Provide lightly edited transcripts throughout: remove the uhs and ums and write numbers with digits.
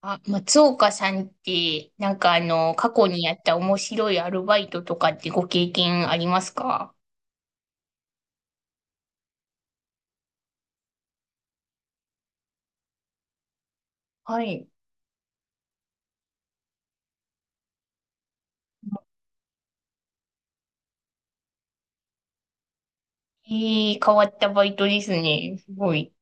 あ、松岡さんって、過去にやった面白いアルバイトとかってご経験ありますか？はい。ええ、変わったバイトですね。すごい。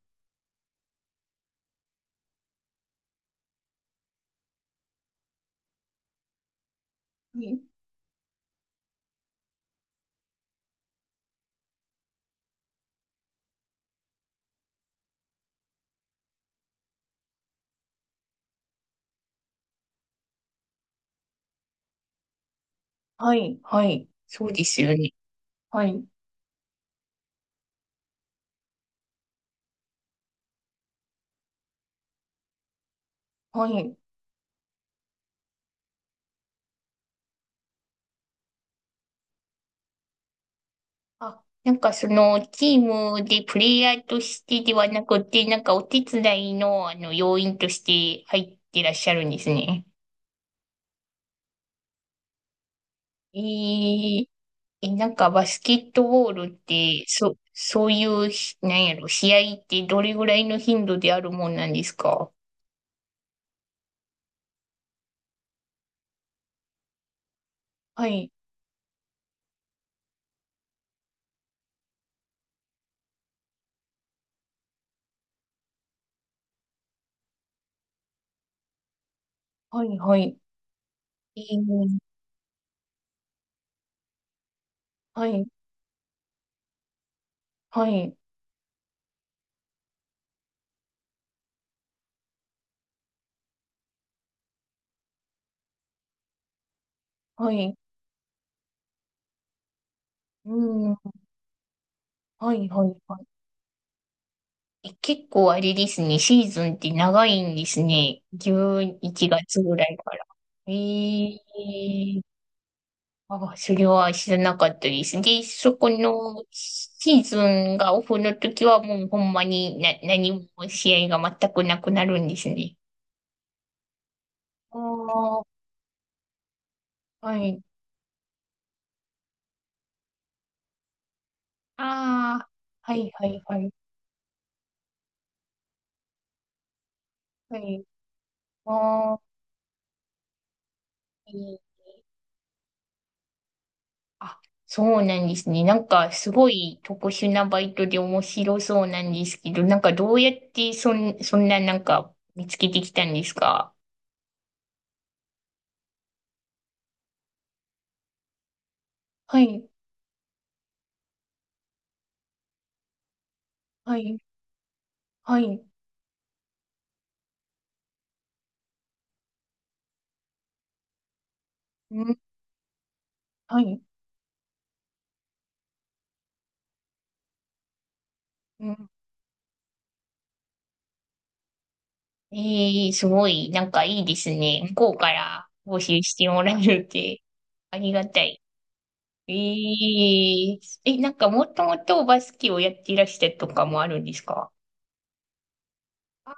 うん。はい、はい。そうですよね。はい、はい。あ、なんかその、チームでプレイヤーとしてではなくて、なんかお手伝いの、要員として入ってらっしゃるんですね。ええ。え、なんかバスケットボールって、そういうなんやろ、試合ってどれぐらいの頻度であるもんなんですか？はい、はい、はい。えー、はい、はい、はい。うん、はい、はい、はい。え、結構あれですね、シーズンって長いんですね。11月ぐらいから。えー、あ、それは知らなかったです。で、そこのシーズンがオフの時はもうほんまにな何も試合が全くなくなるんですね。ああ、はい。ああ、はいはいはい。はい。ああ、いい、あ、そうなんですね。なんかすごい特殊なバイトで面白そうなんですけど、なんかどうやってそんななんか見つけてきたんですか？はい、はい、はい、うん、はい。うん。ええ、すごい、なんかいいですね。向こうから募集してもらえるって、ありがたい。ええ。え、なんかもともとバスケをやっていらしたとかもあるんですか？あ、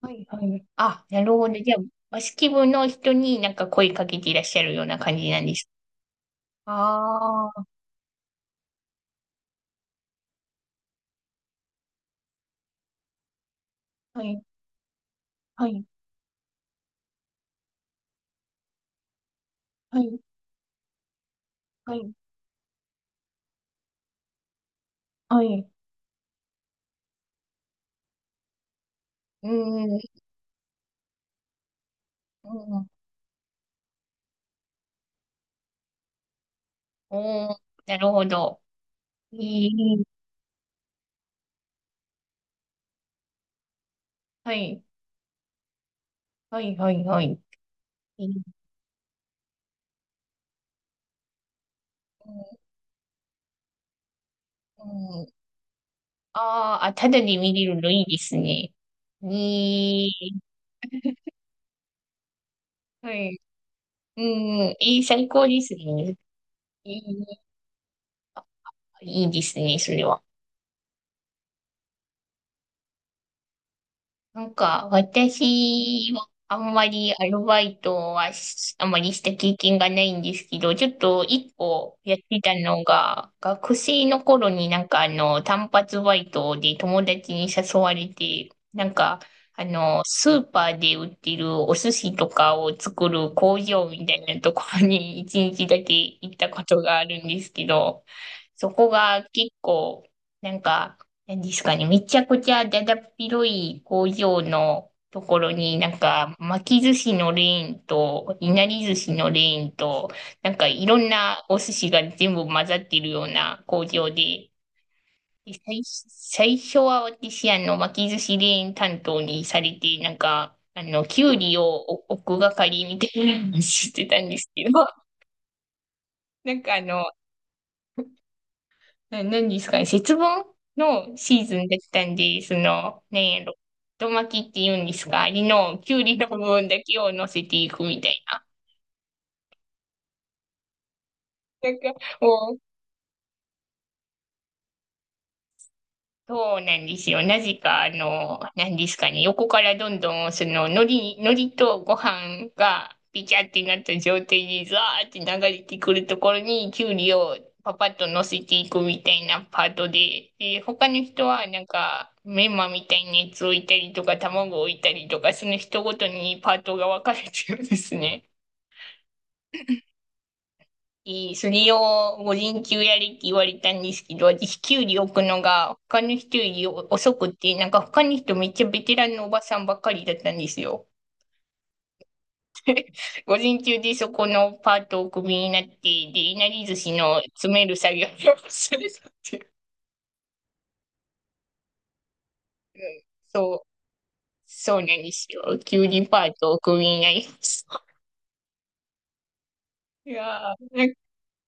はいはい。あ、なるほど。じゃあ、バスケ部の人になんか声かけていらっしゃるような感じなんですか？ああー、はい、はい、はい、はい、はい。うーん、うん、おー、なるほど。ええ、はい、はい、はい、はい。ええ。うん。あー、あ、あ、ただで見れるのいいですね。いい。はい。うん、いい、最高ですね。いい、いいですね、それは。なんか、私はあんまりアルバイトはあんまりした経験がないんですけど、ちょっと一個やってたのが、学生の頃に単発バイトで友達に誘われて、スーパーで売ってるお寿司とかを作る工場みたいなところに一日だけ行ったことがあるんですけど、そこが結構、なんか、何ですかね、めちゃくちゃだだっ広い工場のところに、なんか巻き寿司のレーンと、いなり寿司のレーンと、なんかいろんなお寿司が全部混ざってるような工場で、で最初は私、巻き寿司レーン担当にされて、きゅうりをお置く係みたいなのをしてたんですけど、なんかあの、何ですかね、節分のシーズンだったんで、その、何やろ、太巻きって言うんですか、あれの、きゅうりの部分だけを乗せていくみたいな。なんか、もうそうなんですよ。なぜか、何ですかね、横からどんどん、その、海苔とご飯が、ピチャってなった状態で、ザーって流れてくるところに、きゅうりをパパッと乗せていくみたいなパートで、で、他の人は、なんか、メンマみたいなやつを置いたりとか、卵を置いたりとか、その人ごとにパートが分かれてるんですね。いい、それを午前中やれって言われたんですけど、私、キュウリ置くのが他の人より遅くて、なんか他の人めっちゃベテランのおばさんばっかりだったんですよ。午前中でそこのパートをクビになって、で、いなり寿司の詰める作業をするたっていう。うん、そう、そうなんですよ。キュウリパートをクビになりました。いやー、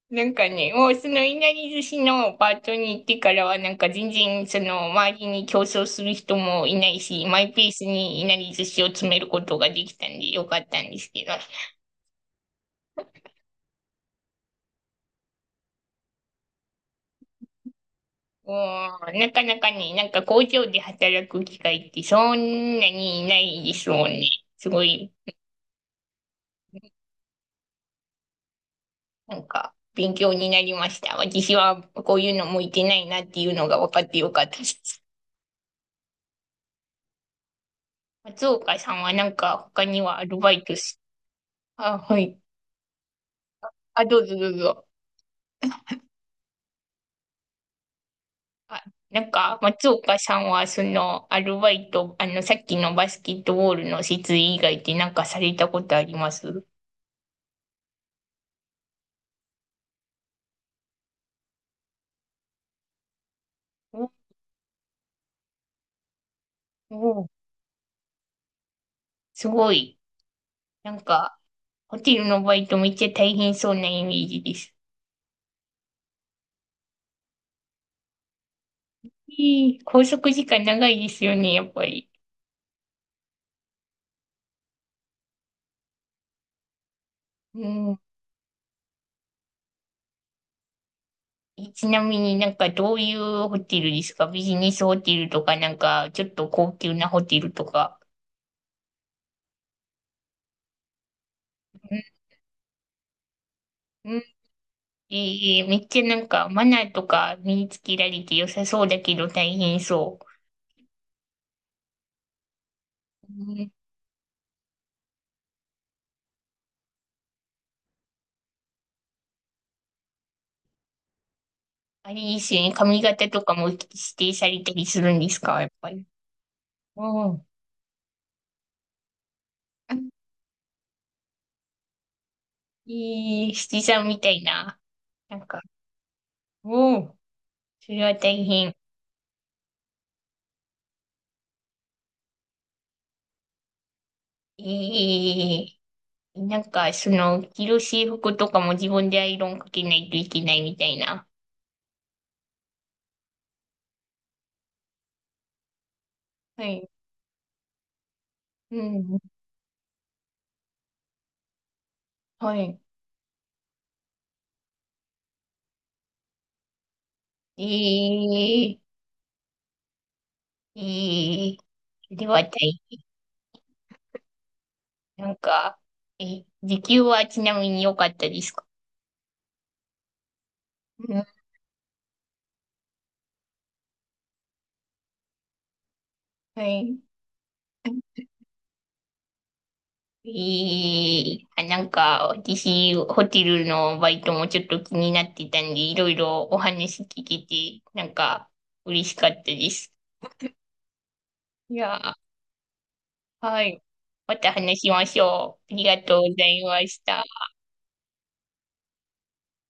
なんかね、もうそのいなり寿司のパートに行ってからは、なんか全然その周りに競争する人もいないし、マイペースにいなり寿司を詰めることができたんでよかったんですけど、もなかなかね、なんか工場で働く機会ってそんなにいないですもんね。すごい、なんか勉強になりました。私はこういうの向いてないなっていうのが分かってよかったです。松岡さんはなんか他にはアルバイトあ、はい。あ、どうぞどうぞ。あ、なんか、松岡さんは、アルバイト、さっきのバスケットボールの設営以外でなんかされたことあります？お、お、すごい。なんか、ホテルのバイトめっちゃ大変そうなイメージです。いい、拘束時間長いですよね、やっぱり。うん。え、ちなみになんか、どういうホテルですか？ビジネスホテルとか、なんか、ちょっと高級なホテルとか。うん。ええ、めっちゃなんかマナーとか身につけられて良さそうだけど大変そう。うん。あれですよね。髪型とかも指定されたりするんですか、やっぱり。うん。ええ、七さんみたいな。なんか、うん。それは大変。ええ、なんか、その、着る制服とかも自分でアイロンかけないといけないみたいな。はい。うん。はい。ええ。ええ、それは大、なんか、え、時給はちなみに良かったですか？うん、はい。えー、あ、なんか、私、ホテルのバイトもちょっと気になってたんで、いろいろお話聞けて、なんか、嬉しかったです。いやー、はい。また話しましょう。ありがとうございました。